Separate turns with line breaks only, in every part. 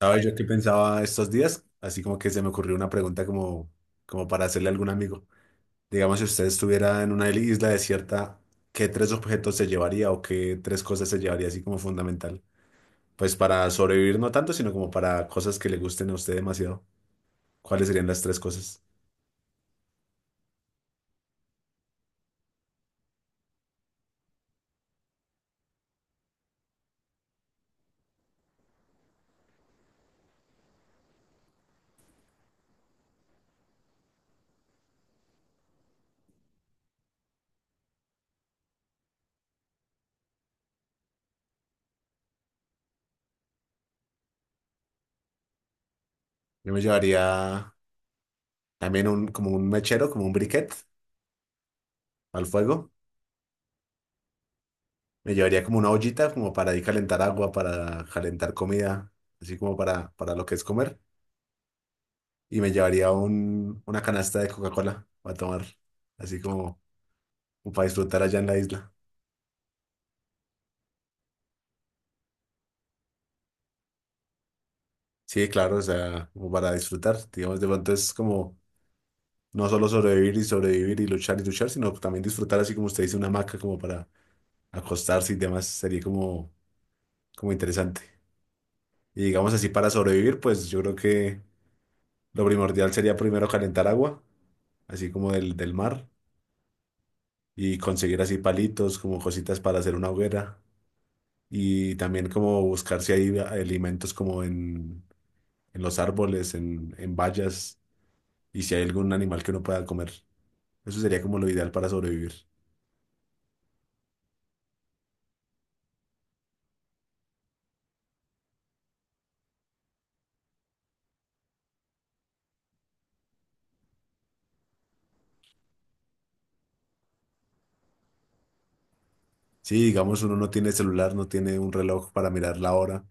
¿Sabes? Yo que pensaba estos días, así como que se me ocurrió una pregunta como, como para hacerle a algún amigo. Digamos, si usted estuviera en una isla desierta, ¿qué tres objetos se llevaría o qué tres cosas se llevaría así como fundamental? Pues para sobrevivir no tanto, sino como para cosas que le gusten a usted demasiado. ¿Cuáles serían las tres cosas? Yo me llevaría también como un mechero, como un briquet al fuego. Me llevaría como una ollita como para ahí calentar agua, para calentar comida, así como para lo que es comer. Y me llevaría una canasta de Coca-Cola a tomar, así como, como para disfrutar allá en la isla. Sí, claro, o sea, como para disfrutar, digamos, de pronto es como no solo sobrevivir y sobrevivir y luchar, sino también disfrutar, así como usted dice, una hamaca como para acostarse y demás, sería como, como interesante. Y digamos así, para sobrevivir, pues yo creo que lo primordial sería primero calentar agua, así como del mar, y conseguir así palitos, como cositas para hacer una hoguera, y también como buscar si hay alimentos como en los árboles, en bayas, y si hay algún animal que uno pueda comer. Eso sería como lo ideal para sobrevivir. Sí, digamos, uno no tiene celular, no tiene un reloj para mirar la hora,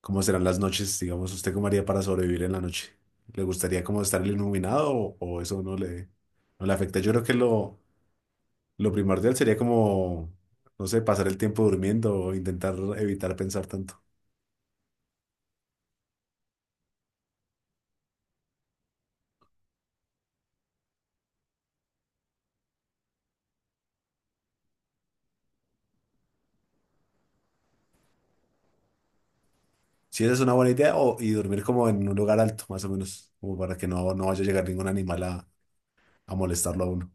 ¿cómo serán las noches? Digamos, ¿usted cómo haría para sobrevivir en la noche? ¿Le gustaría como estar iluminado o eso no le afecta? Yo creo que lo primordial sería como, no sé, pasar el tiempo durmiendo o intentar evitar pensar tanto. Si esa es una buena idea. O, y dormir como en un lugar alto, más o menos, como para que no vaya a llegar ningún animal a molestarlo a uno.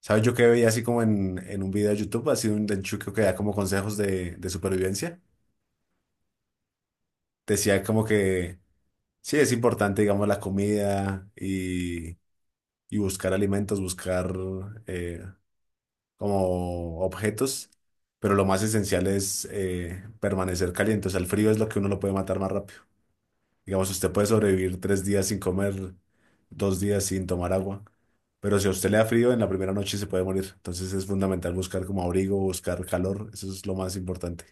¿Sabes? Yo que veía así como en un video de YouTube, así un denchuque que da como consejos de supervivencia. Decía como que sí, es importante, digamos, la comida y buscar alimentos, buscar eh, como objetos, pero lo más esencial es permanecer caliente. O sea, el frío es lo que uno lo puede matar más rápido. Digamos, usted puede sobrevivir 3 días sin comer, 2 días sin tomar agua, pero si a usted le da frío, en la primera noche se puede morir. Entonces es fundamental buscar como abrigo, buscar calor, eso es lo más importante.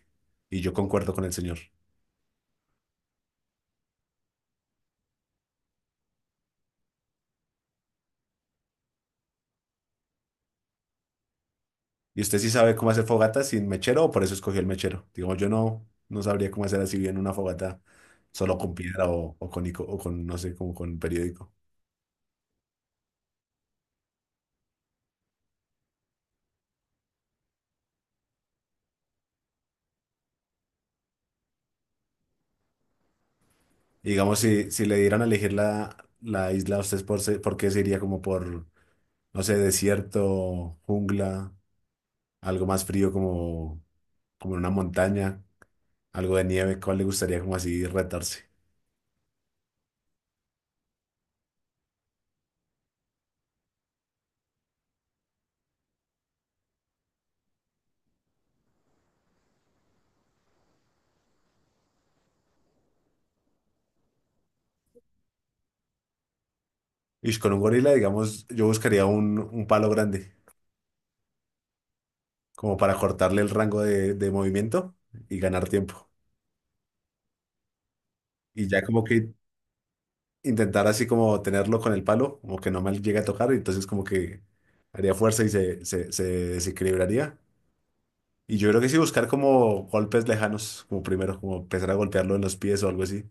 Y yo concuerdo con el señor. ¿Y usted sí sabe cómo hacer fogata sin mechero o por eso escogió el mechero? Digamos, yo no, no sabría cómo hacer así bien una fogata solo con piedra o con, ico- o con, no sé, como con periódico. Y digamos, si, si le dieran a elegir la isla, ¿usted por, se- por qué se iría como por, no sé, desierto, jungla? Algo más frío como, como en una montaña, algo de nieve, ¿cuál le gustaría como así retarse? Y con un gorila, digamos, yo buscaría un palo grande, como para cortarle el rango de movimiento y ganar tiempo. Y ya como que intentar así como tenerlo con el palo, como que no me llegue a tocar, y entonces como que haría fuerza y se desequilibraría. Y yo creo que sí buscar como golpes lejanos, como primero, como empezar a golpearlo en los pies o algo así,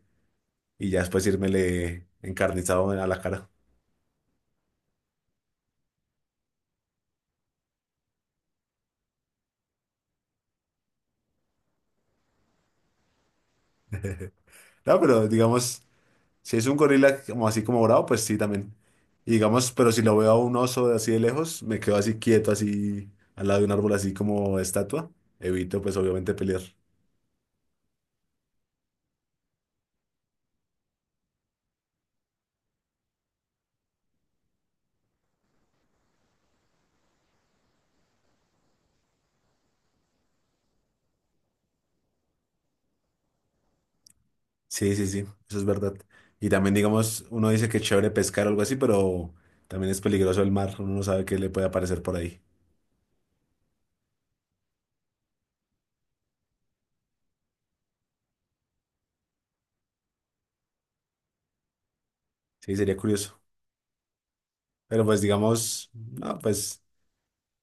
y ya después írmele encarnizado a la cara. Claro, pero digamos, si es un gorila como así como bravo, pues sí también. Y digamos, pero si lo veo a un oso de así de lejos, me quedo así quieto, así al lado de un árbol, así como estatua. Evito, pues obviamente pelear. Sí, sí, sí, eso es verdad. Y también, digamos, uno dice que es chévere pescar o algo así, pero también es peligroso el mar. Uno no sabe qué le puede aparecer por ahí. Sí, sería curioso. Pero pues digamos, no, pues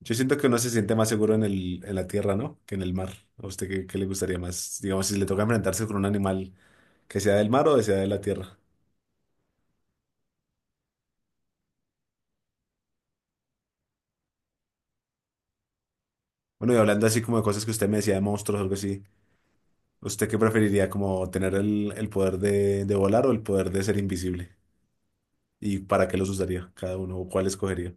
yo siento que uno se siente más seguro en el, en la tierra, ¿no? Que en el mar. ¿A usted qué, qué le gustaría más? Digamos, si le toca enfrentarse con un animal. Que sea del mar o de sea de la tierra. Bueno, y hablando así como de cosas que usted me decía de monstruos o algo así, ¿usted qué preferiría? ¿Como tener el poder de volar o el poder de ser invisible? ¿Y para qué los usaría cada uno o cuál escogería?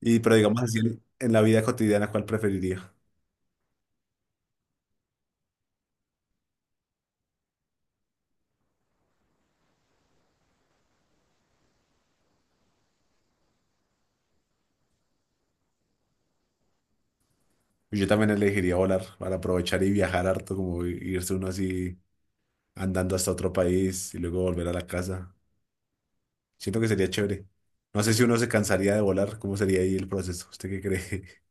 Y pero digamos así, en la vida cotidiana, ¿cuál preferiría? Pues yo también elegiría volar para aprovechar y viajar harto, como i- irse uno así andando hasta otro país y luego volver a la casa. Siento que sería chévere. No sé si uno se cansaría de volar, ¿cómo sería ahí el proceso? ¿Usted qué cree?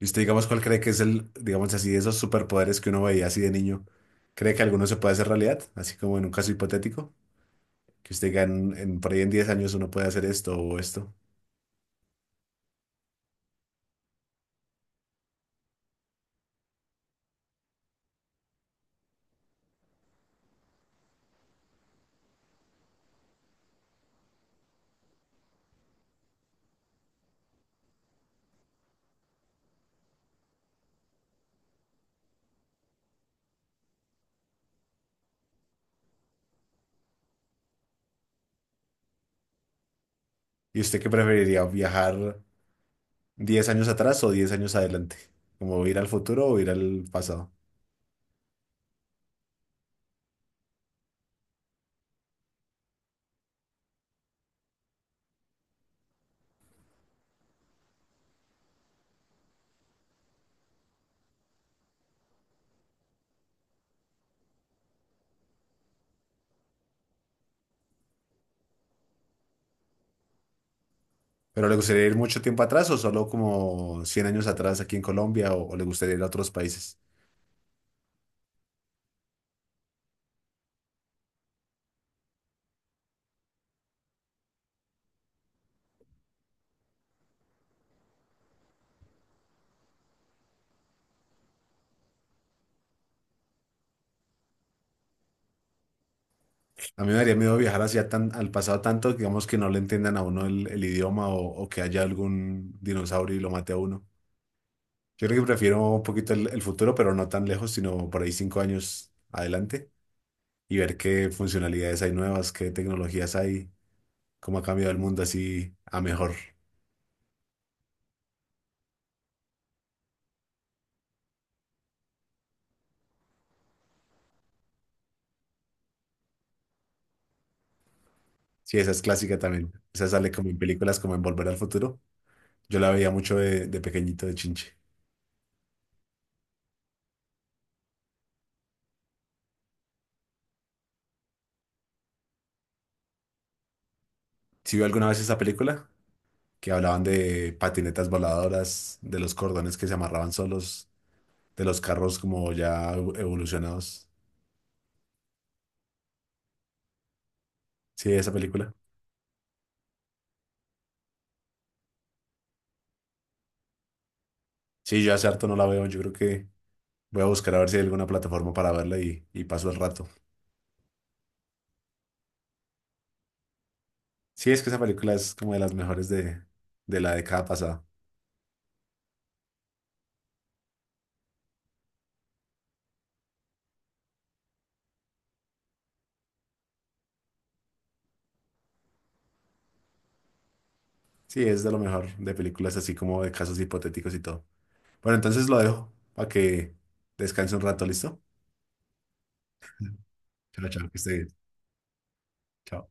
¿Y usted, digamos, cuál cree que es el, digamos así, de esos superpoderes que uno veía así de niño? ¿Cree que alguno se puede hacer realidad? Así como en un caso hipotético, que usted diga en- por ahí en 10 años uno puede hacer esto o esto. ¿Y usted qué preferiría, viajar 10 años atrás o 10 años adelante? ¿Como ir al futuro o ir al pasado? ¿Pero le gustaría ir mucho tiempo atrás o solo como 100 años atrás aquí en Colombia o le gustaría ir a otros países? A mí me daría miedo viajar hacia tan, al pasado tanto, digamos, que no le entiendan a uno el idioma o que haya algún dinosaurio y lo mate a uno. Yo creo que prefiero un poquito el futuro, pero no tan lejos, sino por ahí 5 años adelante, y ver qué funcionalidades hay nuevas, qué tecnologías hay, cómo ha cambiado el mundo así a mejor. Sí, esa es clásica también. Esa sale como en películas como en Volver al Futuro. Yo la veía mucho de pequeñito, de chinche. ¿Sí vio alguna vez esa película? Que hablaban de patinetas voladoras, de los cordones que se amarraban solos, de los carros como ya evo- evolucionados. Sí, esa película. Sí, yo hace harto no la veo. Yo creo que voy a buscar a ver si hay alguna plataforma para verla y paso el rato. Sí, es que esa película es como de las mejores de la década pasada. Sí, es de lo mejor de películas así como de casos hipotéticos y todo. Bueno, entonces lo dejo para que descanse un rato, ¿listo? Chao, chao, que esté bien. Chao.